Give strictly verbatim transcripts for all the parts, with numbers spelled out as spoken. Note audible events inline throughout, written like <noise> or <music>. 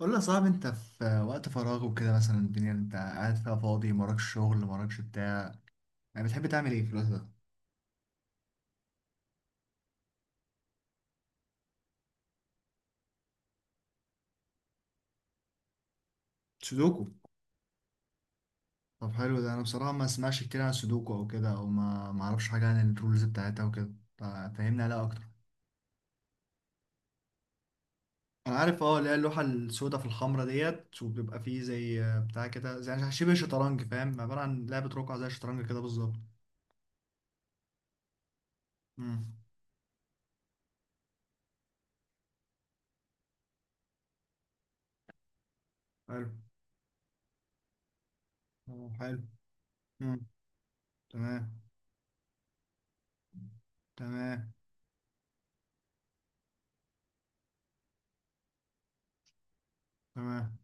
قول لي يا صاحبي، انت في وقت فراغ وكده مثلا، الدنيا انت قاعد فيها فاضي، مراكش شغل مراكش بتاع، يعني بتحب تعمل ايه في الوقت ده؟ سودوكو. طب حلو ده، انا بصراحة ما اسمعش كتير عن السودوكو او كده، او ما ما اعرفش حاجة عن الرولز بتاعتها وكده. فا- فهمني عليها اكتر. انا عارف، اه اللي هي اللوحة السوداء في الحمرة ديت، وبيبقى فيه زي بتاع كده، زي شبه شطرنج، فاهم؟ عبارة عن لعبة رقعة زي الشطرنج كده بالظبط. امم. حلو. اه، حلو. امم. تمام. تمام. تمام.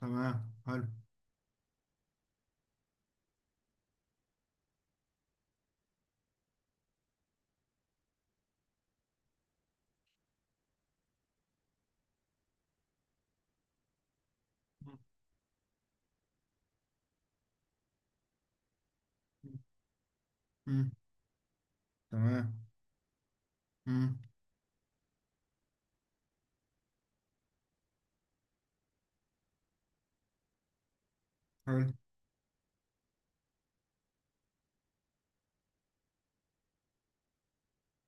تمام. حلو. مم. تمام. امم. حلو.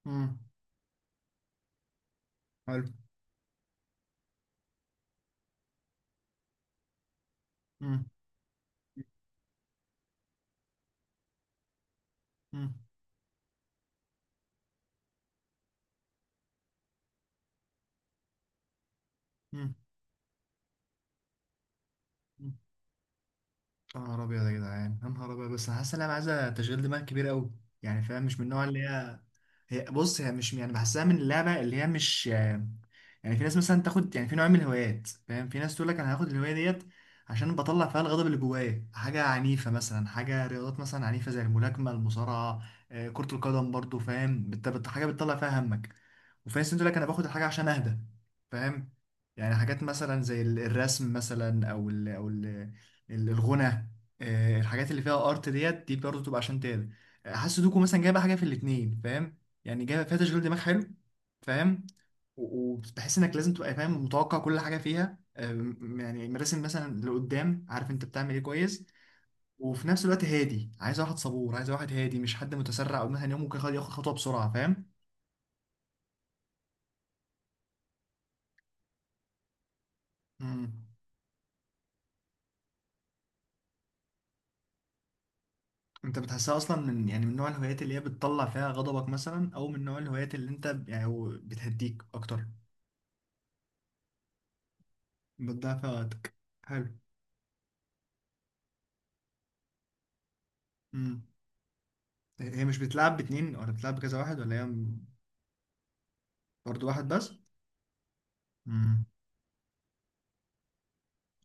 امم. حلو. امم. امم. امم. يا نهار ابيض يا جدعان، يا نهار ابيض، بس انا حاسس ان انا عايزه تشغيل دماغ كبير قوي. يعني فاهم، مش من النوع اللي هي. هي بص، هي مش، يعني بحسها من اللعبه اللي هي مش، يعني. في ناس مثلا تاخد، يعني في نوع من الهوايات، فاهم؟ في ناس تقول لك انا هاخد الهوايه ديت، عشان بطلع فيها الغضب اللي جوايا، حاجه عنيفه مثلا، حاجه رياضات مثلا عنيفه، زي الملاكمه، المصارعه. آه، كره القدم برضو، فاهم، بت- بت- حاجه بتطلع فيها همك. وفي ناس تقول لك انا باخد الحاجه عشان اهدى. فاهم. يعني حاجات مثلا زي ال- الرسم مثلا، او ال او ال الغنى. آه، الحاجات اللي فيها ارت ديت دي برضو تبقى عشان تهدى. حاسس دوكو مثلا جايبه حاجه في الاتنين، فاهم؟ يعني جايه فيها تشغيل دماغ حلو. فاهم. و- وبحس انك لازم تبقى فاهم، متوقع كل حاجه فيها، أم، يعني مراسم مثلا لقدام، عارف انت بتعمل ايه كويس. وفي نفس الوقت هادي، عايز واحد صبور، عايز واحد هادي، مش حد متسرع، او مثلا يوم ممكن ياخد ياخد خطوه بسرعه، فاهم؟ مم. انت بتحسها اصلا من، يعني من نوع الهوايات اللي هي بتطلع فيها غضبك مثلا، او من نوع الهوايات اللي انت ب- يعني هو بتهديك اكتر؟ بتضيع فيها وقتك؟ حلو. مم. هي مش بتلعب باتنين، ولا بتلعب بكذا واحد، ولا هي؟ برضه واحد؟ بس.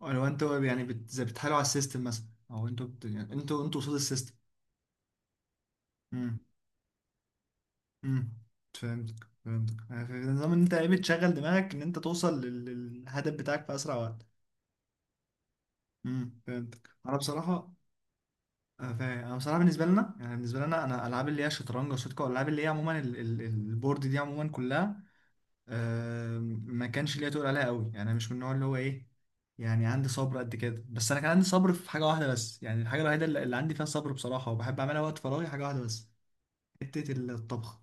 لو انتوا، يعني بت... زي بتحاولوا على السيستم مثلا، او انتوا بت... يعني انتوا انتوا قصاد السيستم؟ امم. امم، فهمتك فهمتك، يعني في نظام ان انت ايه، بتشغل دماغك ان انت توصل لل... للهدف بتاعك في اسرع وقت. امم، فهمتك انا بصراحه. آه، فاهم انا بصراحه، بالنسبه لنا، يعني بالنسبه لنا، انا العاب اللي هي شطرنج وسودوكو والالعاب اللي هي عموما ال... ال... البورد دي عموما كلها، أم، ما كانش ليا تقول عليها قوي، يعني انا مش من النوع اللي هو ايه. يعني عندي صبر قد كده، بس انا كان عندي صبر في حاجه واحده بس، يعني الحاجه الوحيده اللي اللي عندي فيها صبر بصراحه وبحب اعملها وقت فراغي، حاجه واحده بس. حته الطبخ.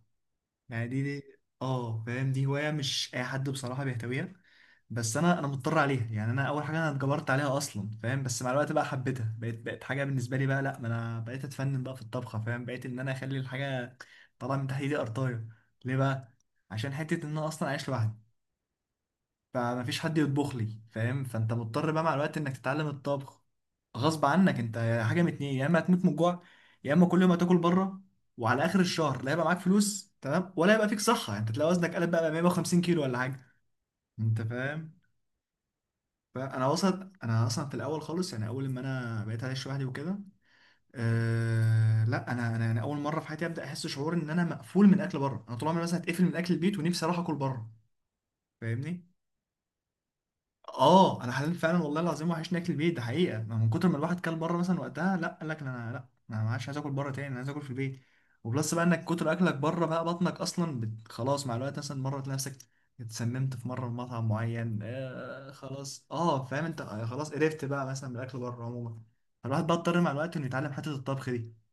يعني دي, دي اه، فاهم، دي هوايه مش اي حد بصراحه بيهتويها. بس انا انا مضطر عليها، يعني انا اول حاجه، انا اتجبرت عليها اصلا فاهم، بس مع الوقت بقى حبيتها، بقيت بقت حاجه بالنسبه لي بقى، لا ما انا بقيت اتفنن بقى في الطبخه، فاهم، بقيت ان انا اخلي الحاجه طالعه من تحت ايدي قرطايه. ليه بقى؟ عشان حته ان انا اصلا عايش لوحدي. فمفيش حد يطبخ لي، فاهم، فانت مضطر بقى مع الوقت انك تتعلم الطبخ. غصب عنك انت. حاجه من اتنين، يا اما هتموت من الجوع، يا اما كل يوم هتاكل بره. وعلى اخر الشهر، لا هيبقى معاك فلوس تمام، ولا هيبقى فيك صحه، يعني انت تلاقي وزنك قلب بقى مية وخمسين كيلو ولا حاجه. انت فاهم؟ فانا وصلت، انا اصلا في الاول خالص، يعني اول ما انا بقيت عايش لوحدي وكده. أه لا، انا انا أنا اول مره في حياتي ابدا احس شعور ان انا مقفول من اكل بره، انا طول عمري مثلا اتقفل من اكل البيت ونفسي اروح اكل بره. فاهمني؟ اه، انا حلمت فعلا والله العظيم وحشني اكل البيت، ده حقيقه، ما من كتر ما الواحد كل بره مثلا، وقتها لا، قال لك انا لا. انا ما عادش عايز اكل بره تاني، انا عايز اكل في البيت. وبلس بقى انك كتر اكلك بره، بقى بطنك اصلا بت... خلاص، مع الوقت مثلا مره تلاقي نفسك اتسممت في مره من مطعم معين، آه خلاص، اه فاهم انت، آه خلاص قرفت بقى مثلا من الاكل بره عموما. فالواحد بقى اضطر مع الوقت انه يتعلم حته الطبخ دي.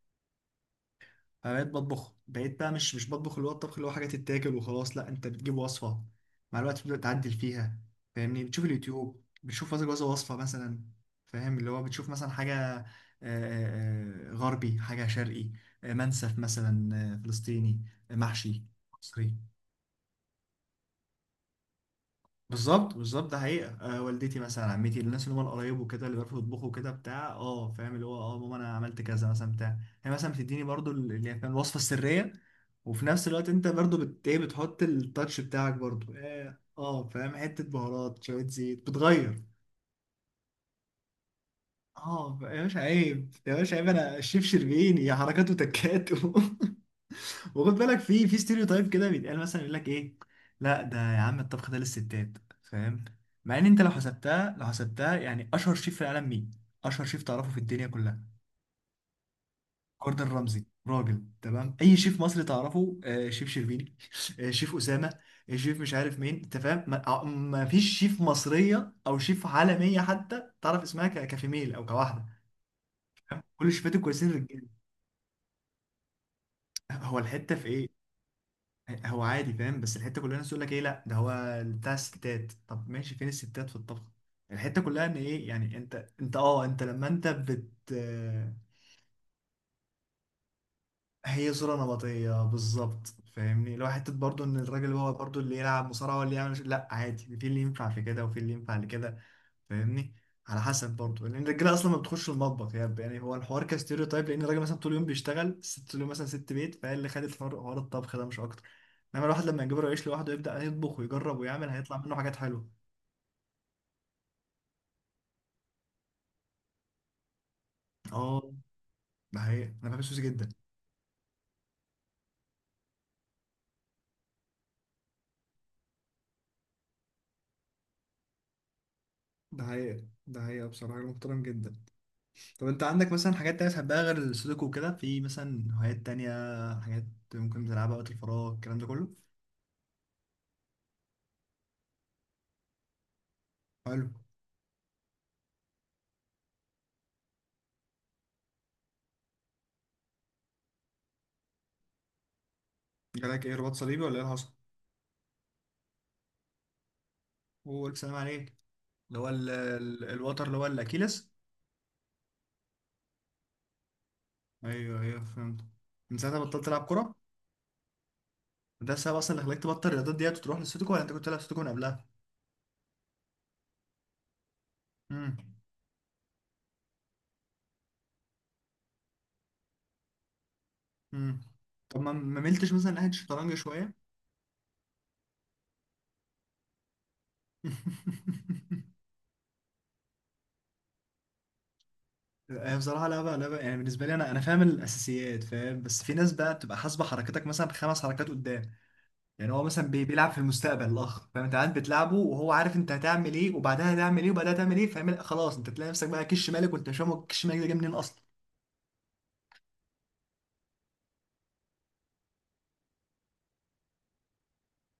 فبقيت بطبخ، بقيت بقى مش مش بطبخ اللي هو الطبخ اللي هو حاجه تتاكل وخلاص، لا انت بتجيب وصفه، مع الوقت بتبدا تعدل فيها. فاهمني، بتشوف اليوتيوب، بتشوف كذا كذا وصفه مثلا، فاهم اللي هو بتشوف مثلا حاجه، آه، آه، آه، غربي، حاجه شرقي، آه، منسف مثلا، آه، فلسطيني، آه، محشي مصري. بالظبط بالظبط، ده حقيقة، آه والدتي مثلا، عمتي، الناس اللي هم القرايب وكده اللي بيعرفوا يطبخوا كده بتاع، اه فاهم اللي هو، اه ماما انا عملت كذا مثلا بتاع. هي مثلا بتديني برضو ال- اللي هي، فاهم، الوصفة السرية. وفي نفس الوقت انت برضو بت ايه، بتحط التاتش بتاعك برضو، اه آه، فاهم حتة بهارات، شوية زيت، بتغير. اه يا باشا عيب، يا باشا عيب، انا الشيف شربيني، يا حركات وتكات <laughs> وخد بالك في في ستيريو تايب كده بيتقال مثلا، يقول لك ايه، لا ده يا عم، الطبخ ده للستات، فاهم؟ مع ان انت لو حسبتها لو حسبتها، يعني اشهر شيف في العالم مين؟ اشهر شيف تعرفه في الدنيا كلها؟ جوردن رمزي، راجل تمام. اي شيف مصري تعرفه؟ آه شيف شربيني <laughs> آه شيف اسامه، آه شيف مش عارف مين، انت فاهم، ما, آه، ما فيش شيف مصريه او شيف عالميه حتى تعرف اسمها، ك- كفيميل او كواحده. كل الشيفات الكويسين رجاله. هو الحته في ايه؟ هو عادي فاهم، بس الحته كلها الناس تقول لك ايه، لا ده هو بتاع الستات، طب ماشي، فين الستات في الطبخ؟ الحته كلها ان ايه، يعني انت انت، اه انت لما انت بت آه، هي صوره نمطيه بالظبط. فاهمني، لو حته برضو، ان الراجل هو برضو اللي يلعب مصارعه، هو اللي يعمل، لا عادي، في اللي ينفع في كده، وفي اللي ينفع لكده. فاهمني. على حسب برضه، لان الرجاله اصلا ما بتخش المطبخ، يعني يعني هو الحوار كستيريوتايب، لان الراجل مثلا طول اليوم بيشتغل، الست طول اليوم مثلا ست بيت، فهي اللي خدت حوار حوار الطبخ ده مش اكتر. انما الواحد لما يجبره يعيش لوحده، يبدا يطبخ ويجرب ويعمل، هيطلع منه حاجات حلوه. اه، ده حقيقة انا بحب السوسي جدا. ده حقيقة، ده حقيقة، بصراحة راجل محترم جدا. طب انت عندك مثلا حاجات تانية بتحبها غير السودوكو وكده؟ في مثلا هوايات تانية؟ حاجات ممكن تلعبها وقت الفراغ، الكلام ده كله؟ حلو. جالك ايه، رباط صليبي ولا ايه اللي حصل؟ هو الف سلام عليك. اللي هو ال- ال- الوتر اللي هو الاكيلس؟ ايوه ايوه، فهمت. من ساعتها بطلت العب كوره. ده السبب اصلا اللي خلاك تبطل الرياضات ديت وتروح للسودوكو، ولا انت كنت تلعب سودوكو من قبلها؟ امم. امم. طب ما ما ملتش مثلا ناحيه الشطرنج شويه؟ <laughs> هي بصراحه لعبه لعبه، يعني بالنسبه لي، انا انا فاهم الاساسيات، فاهم، بس في ناس بقى بتبقى حاسبه حركتك مثلا خمس حركات قدام، يعني هو مثلا بي- بيلعب في المستقبل الاخ، فاهم، انت قاعد بتلعبه وهو عارف انت هتعمل ايه، وبعدها هتعمل ايه، وبعدها هتعمل ايه، فاهم، خلاص انت تلاقي نفسك بقى كش مالك، وانت مش فاهم هو كش مالك ده جه منين اصلا.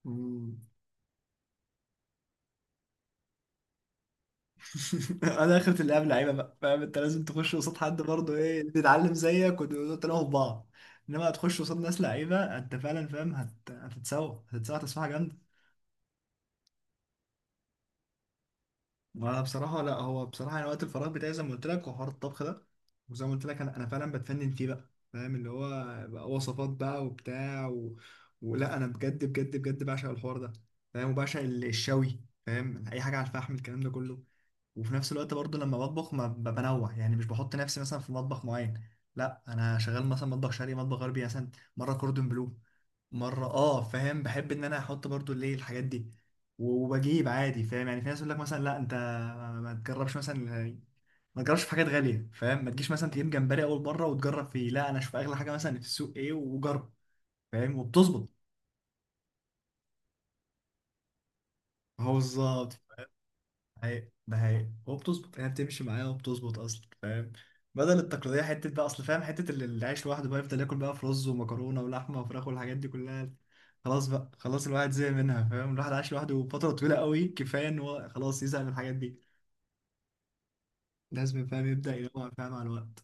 مم. <laughs> انا اخرة اللعب لعيبه بقى، فاهم، انت لازم تخش قصاد حد برضه ايه، تتعلم زيك، وتلاقوا في بعض. انما هتخش قصاد ناس لعيبه انت فعلا، فاهم، هت... هتتسوى هتتسوى تسويحه جامده. وانا بصراحه، لا هو بصراحه، يعني وقت الفراغ بتاعي زي ما قلت لك هو حوار الطبخ ده. وزي ما قلت لك انا انا فعلا بتفنن فيه بقى، فاهم اللي هو بقى وصفات بقى وبتاع و... ولا انا بجد بجد بجد بعشق الحوار ده، فاهم، وبعشق ال- الشوي، فاهم، اي حاجه على الفحم، الكلام ده كله. وفي نفس الوقت برضو لما بطبخ، ما ب- بنوع، يعني مش بحط نفسي مثلا في مطبخ معين. لا، انا شغال مثلا مطبخ شرقي، مطبخ غربي مثلا، مره كوردون بلو، مره، اه فاهم بحب ان انا احط برضو اللي هي الحاجات دي، وبجيب عادي، فاهم، يعني في ناس يقول لك مثلا، لا انت ما ما تجربش مثلا، ما تجربش في حاجات غاليه، فاهم، ما تجيش مثلا تجيب جمبري اول مره وتجرب فيه، لا انا اشوف اغلى حاجه مثلا في السوق ايه وجرب، فاهم، وبتظبط. هو بالظبط. هي ده هي، وبتظبط، يعني بتمشي معايا وبتظبط اصلا، فاهم. بدل التقليديه حته بقى، اصل فاهم، حته اللي اللي عايش لوحده بقى يفضل ياكل بقى في رز ومكرونه ولحمه وفراخ والحاجات دي كلها. خلاص بقى، خلاص الواحد زهق منها، فاهم، الواحد عايش لوحده فتره طويله قوي، كفايه ان هو خلاص يزهق من الحاجات دي. لازم فاهم يبدا ينوع، فاهم، مع الوقت.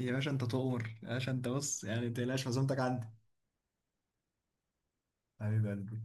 يا باشا انت تؤمر، يا باشا انت بص، يعني ما تقلقش، عزومتك عندي. حبيب قلبي.